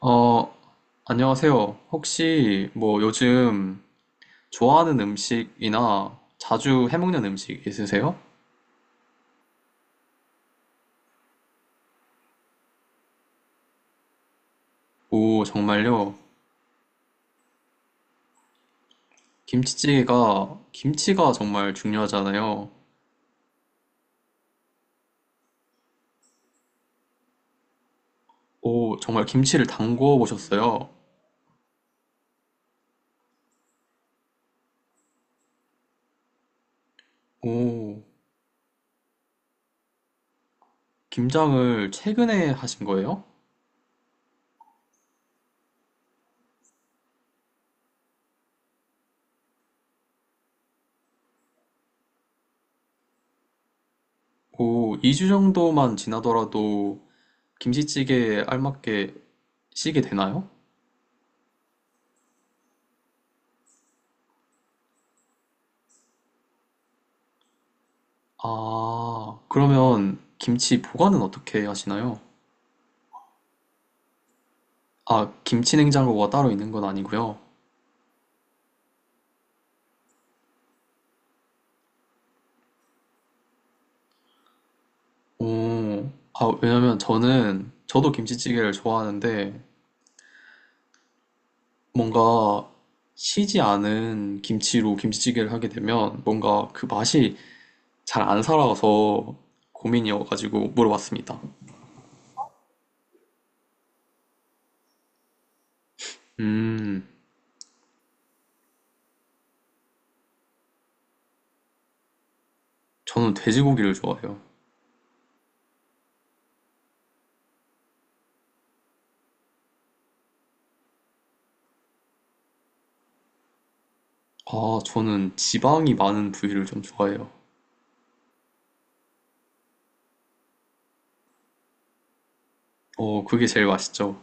어, 안녕하세요. 혹시 뭐 요즘 좋아하는 음식이나 자주 해먹는 음식 있으세요? 오, 정말요? 김치찌개가, 김치가 정말 중요하잖아요. 오, 정말 김치를 담궈 보셨어요? 오, 김장을 최근에 하신 거예요? 오, 2주 정도만 지나더라도 김치찌개에 알맞게 시게 되나요? 아, 그러면 김치 보관은 어떻게 하시나요? 아, 김치 냉장고가 따로 있는 건 아니고요. 오, 아, 왜냐면 저도 김치찌개를 좋아하는데, 뭔가 시지 않은 김치로 김치찌개를 하게 되면, 뭔가 그 맛이 잘 안 살아서 고민이어가지고 물어봤습니다. 음, 저는 돼지고기를 좋아해요. 아, 저는 지방이 많은 부위를 좀 좋아해요. 어, 그게 제일 맛있죠.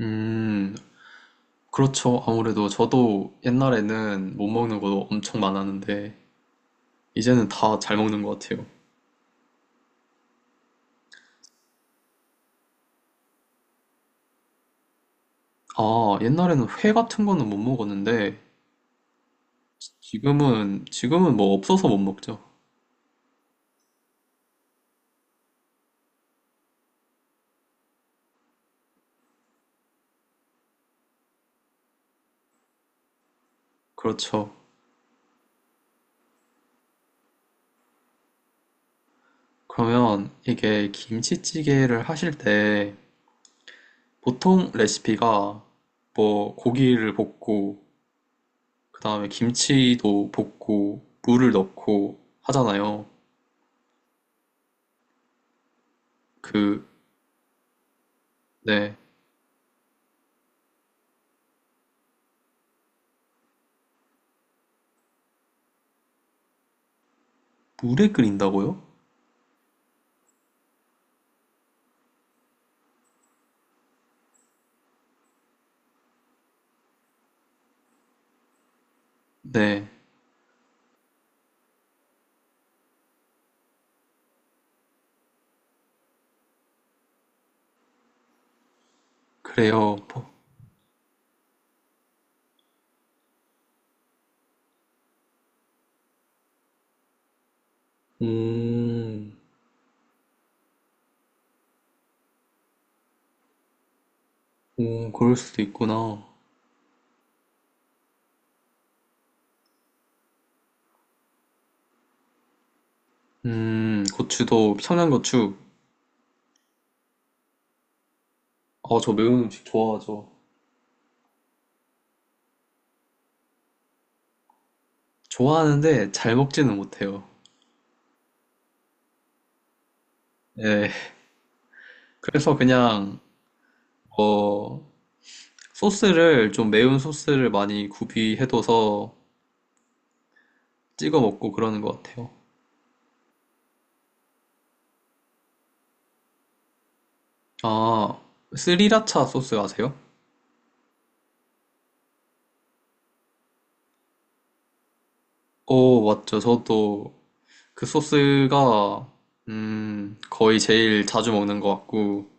음, 그렇죠. 아무래도 저도 옛날에는 못 먹는 것도 엄청 많았는데, 이제는 다 잘 먹는 것 같아요. 아, 옛날에는 회 같은 거는 못 먹었는데, 지금은 뭐 없어서 못 먹죠. 그렇죠. 그러면 이게 김치찌개를 하실 때, 보통 레시피가 뭐 고기를 볶고, 그 다음에 김치도 볶고, 물을 넣고 하잖아요. 그, 네. 물에 끓인다고요? 네. 그래요. 뭐, 음, 오, 그럴 수도 있구나. 고추도 청양고추. 어, 저 매운 음식 좋아하죠. 좋아하는데 잘 먹지는 못해요. 예. 그래서 그냥 어 소스를 좀 매운 소스를 많이 구비해둬서 찍어 먹고 그러는 것 같아요. 아, 스리라차 소스 아세요? 오, 맞죠. 저도 그 소스가 거의 제일 자주 먹는 것 같고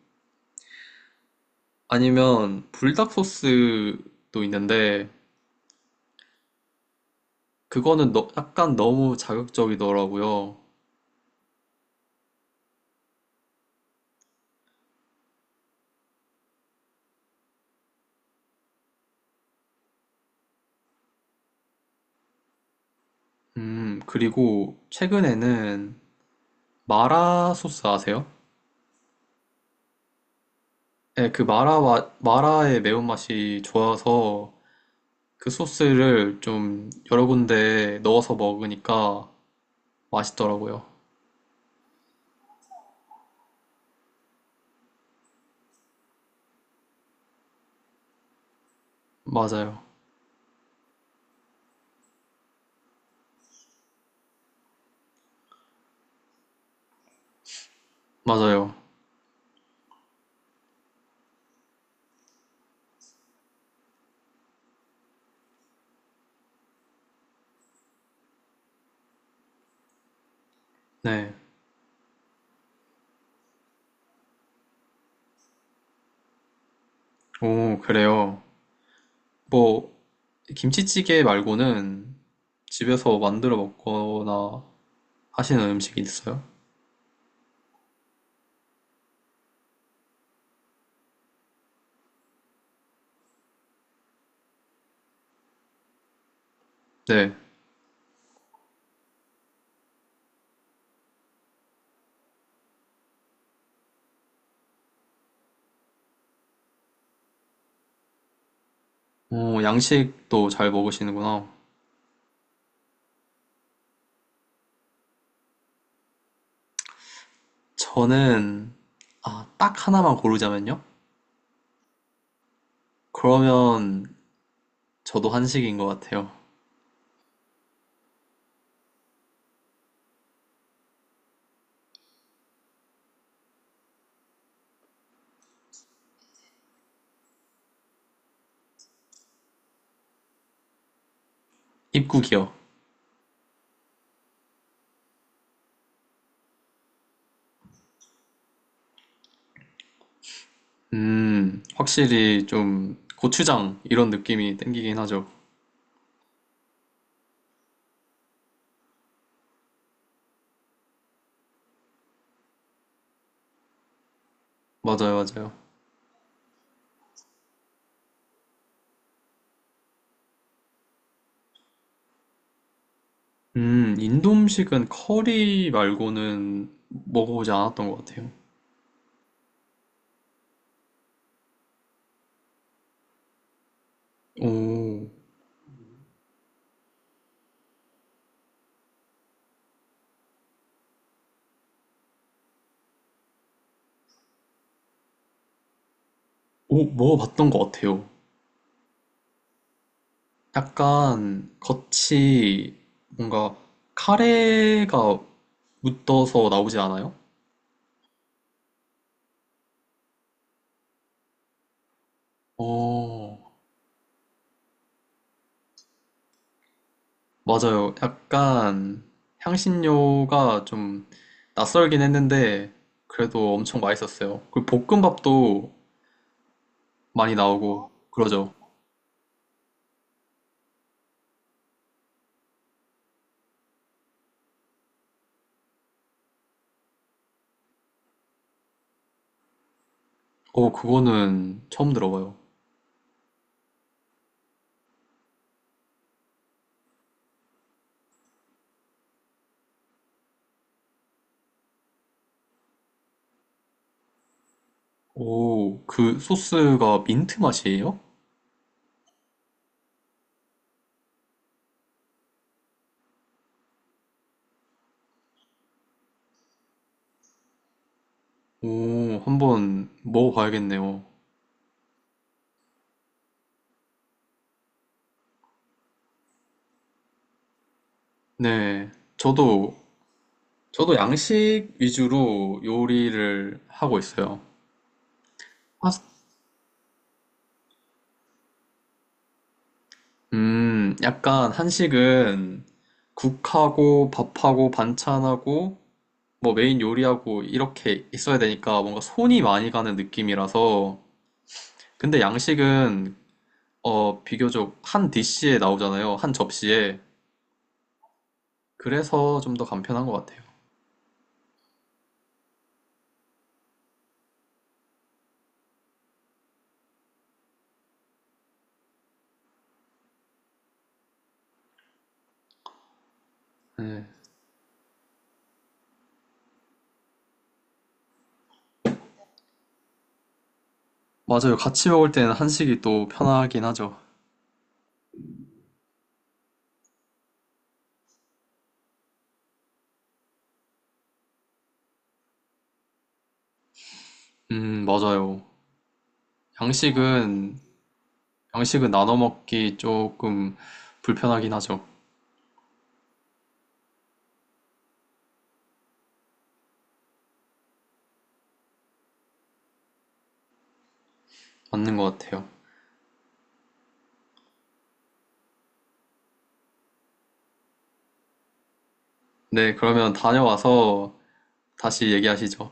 아니면 불닭 소스도 있는데 약간 너무 자극적이더라고요. 그리고 최근에는 마라 소스 아세요? 네, 마라의 매운맛이 좋아서 그 소스를 좀 여러 군데 넣어서 먹으니까 맛있더라고요. 맞아요. 맞아요. 네. 오, 그래요. 뭐, 김치찌개 말고는 집에서 만들어 먹거나 하시는 음식이 있어요? 네. 오, 양식도 잘 먹으시는구나. 저는 아, 딱 하나만 고르자면요? 그러면 저도 한식인 것 같아요. 입국이요. 확실히 좀 고추장 이런 느낌이 땡기긴 하죠. 맞아요, 맞아요. 인도 음식은 커리 말고는 먹어보지 않았던 것 같아요. 오, 오, 먹어봤던 것 같아요. 약간 겉이 뭔가 카레가 묻어서 나오지 않아요? 어, 맞아요. 약간 향신료가 좀 낯설긴 했는데 그래도 엄청 맛있었어요. 그리고 볶음밥도 많이 나오고 그러죠. 오, 그거는 처음 들어봐요. 오, 그 소스가 민트 맛이에요? 오, 한번 먹어봐야겠네요. 네, 저도 저도 양식 위주로 요리를 하고 있어요. 파스- 약간 한식은 국하고 밥하고 반찬하고 뭐 메인 요리하고 이렇게 있어야 되니까 뭔가 손이 많이 가는 느낌이라서 근데 양식은 어 비교적 한 디시에 나오잖아요. 한 접시에. 그래서 좀 더 간편한 것 같아요. 네. 맞아요. 같이 먹을 때는 한식이 또 편하긴 하죠. 음, 맞아요. 양식은 양식은 나눠 먹기 조금 불편하긴 하죠. 맞는 것 같아요. 네, 그러면 다녀와서 다시 얘기하시죠.